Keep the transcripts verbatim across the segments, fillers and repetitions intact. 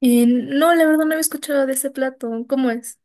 Eh, no, la verdad no había escuchado de ese plato. ¿Cómo es?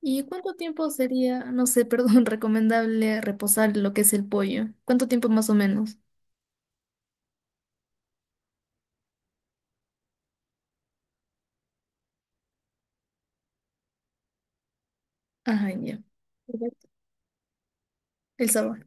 ¿Y cuánto tiempo sería, no sé, perdón, recomendable reposar lo que es el pollo? ¿Cuánto tiempo más o menos? Ajá, ya. Perfecto. El sabor.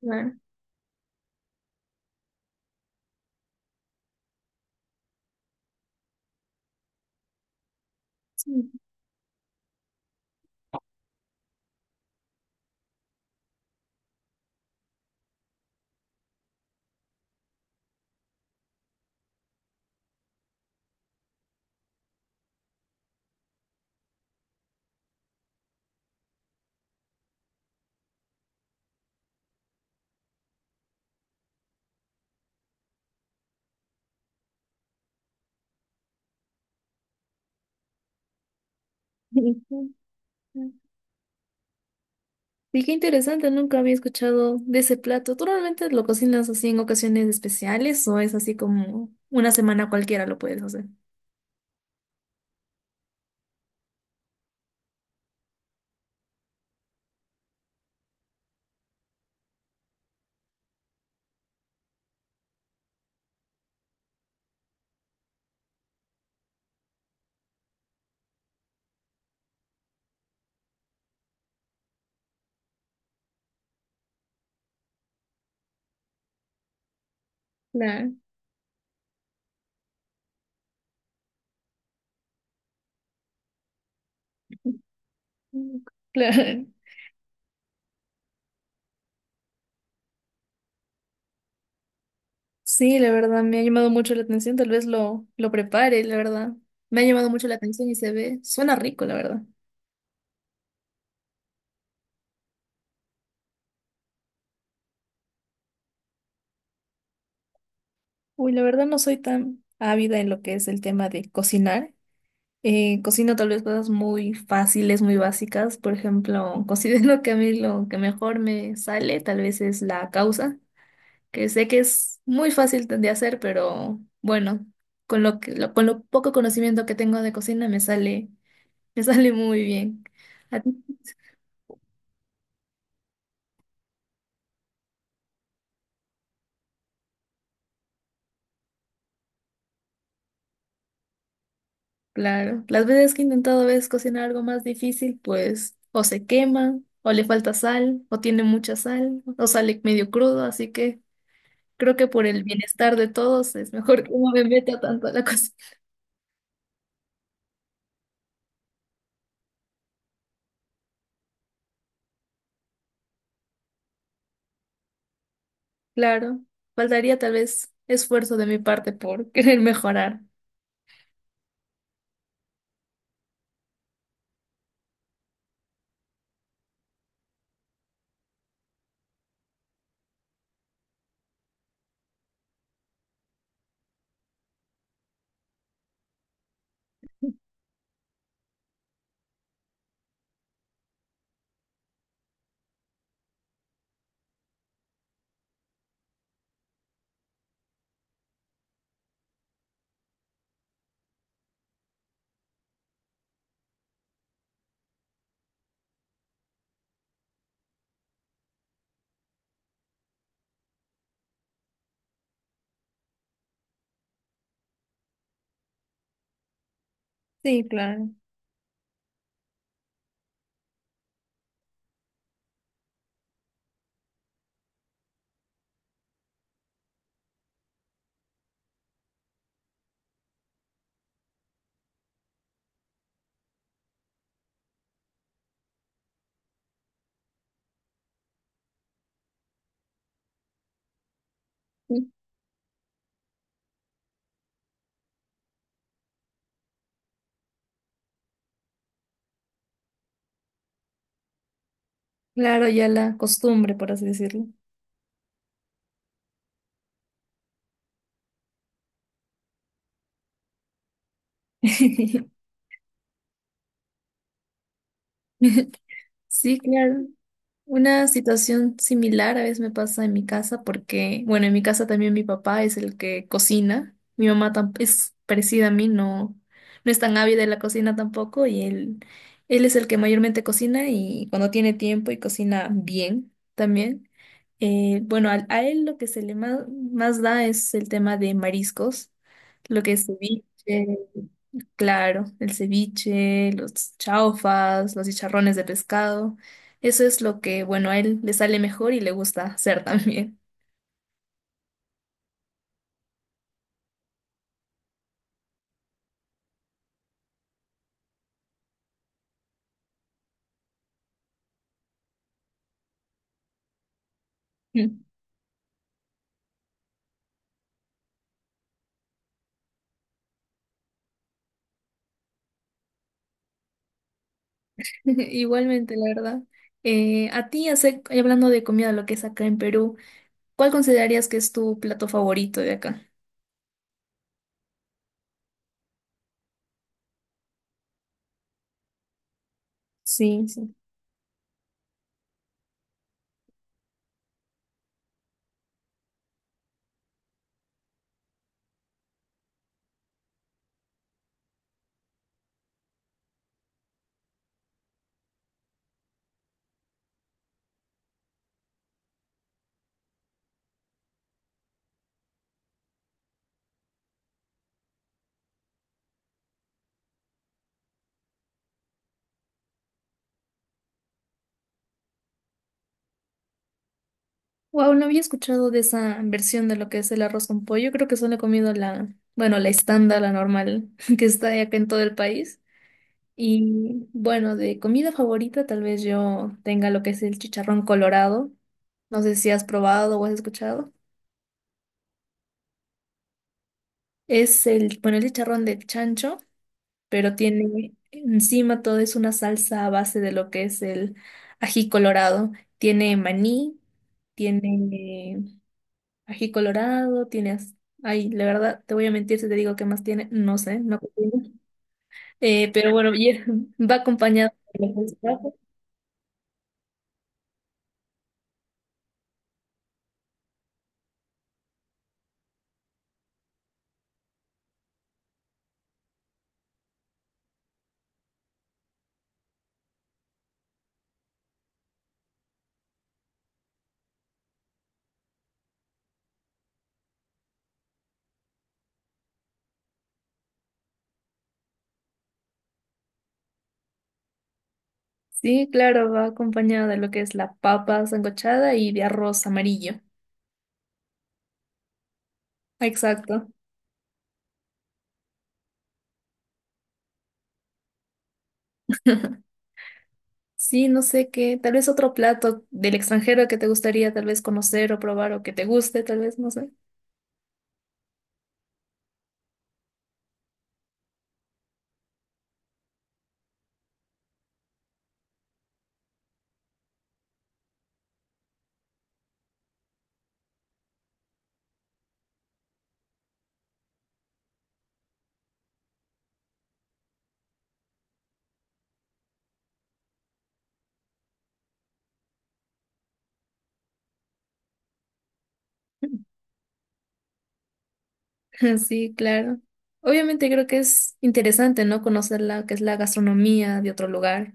Claro. Sí. Y qué interesante, nunca había escuchado de ese plato. ¿Tú normalmente lo cocinas así en ocasiones especiales o es así como una semana cualquiera lo puedes hacer? Claro. Claro. Sí, la verdad, me ha llamado mucho la atención, tal vez lo, lo prepare, la verdad. Me ha llamado mucho la atención y se ve, suena rico, la verdad. Uy, la verdad no soy tan ávida en lo que es el tema de cocinar. Eh, cocino tal vez cosas muy fáciles, muy básicas. Por ejemplo, considero que a mí lo que mejor me sale tal vez es la causa, que sé que es muy fácil de hacer, pero bueno, con lo que, lo- con lo poco conocimiento que tengo de cocina me sale, me sale muy bien. Claro, las veces que he intentado a veces cocinar algo más difícil, pues o se quema, o le falta sal, o tiene mucha sal, o sale medio crudo, así que creo que por el bienestar de todos es mejor que no me meta tanto a la cocina. Claro, faltaría tal vez esfuerzo de mi parte por querer mejorar. Sí, claro. Claro, ya la costumbre, por así decirlo. Sí, claro. Una situación similar a veces me pasa en mi casa porque, bueno, en mi casa también mi papá es el que cocina. Mi mamá tam- es parecida a mí, no, no es tan ávida de la cocina tampoco y él, él es el que mayormente cocina y cuando tiene tiempo y cocina bien también. Eh, bueno, al- a, él lo que se le ma- más da es el tema de mariscos, lo que es ceviche. Claro, el ceviche, los chaufas, los chicharrones de pescado. Eso es lo que, bueno, a él le sale mejor y le gusta hacer también. Mm. Igualmente, la verdad. Eh, a ti, hace- hablando de comida, lo que es acá en Perú, ¿cuál considerarías que es tu plato favorito de acá? Sí, sí. Wow, no había escuchado de esa versión de lo que es el arroz con pollo. Creo que solo he comido la, bueno, la estándar, la normal, que está acá en todo el país. Y bueno, de comida favorita tal vez yo tenga lo que es el chicharrón colorado. No sé si has probado o has escuchado. Es el, bueno, el chicharrón de chancho, pero tiene encima todo es una salsa a base de lo que es el ají colorado. Tiene maní, tiene ají colorado, tienes... Ay, la verdad, te voy a mentir si te digo qué más tiene. No sé, no cocino. Eh, pero bueno, y- va acompañado de los. Sí, claro, va acompañado de lo que es la papa sancochada y de arroz amarillo. Exacto. Sí, no sé qué, tal vez otro plato del extranjero que te gustaría tal vez conocer o probar o que te guste, tal vez, no sé. Sí, claro. Obviamente creo que es interesante, ¿no? Conocer la que es la gastronomía de otro lugar.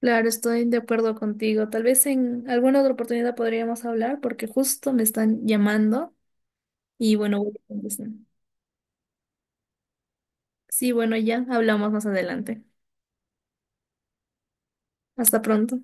Claro, estoy de acuerdo contigo. Tal vez en alguna otra oportunidad podríamos hablar porque justo me están llamando y bueno, voy a contestar. Sí, bueno, ya hablamos más adelante. Hasta pronto.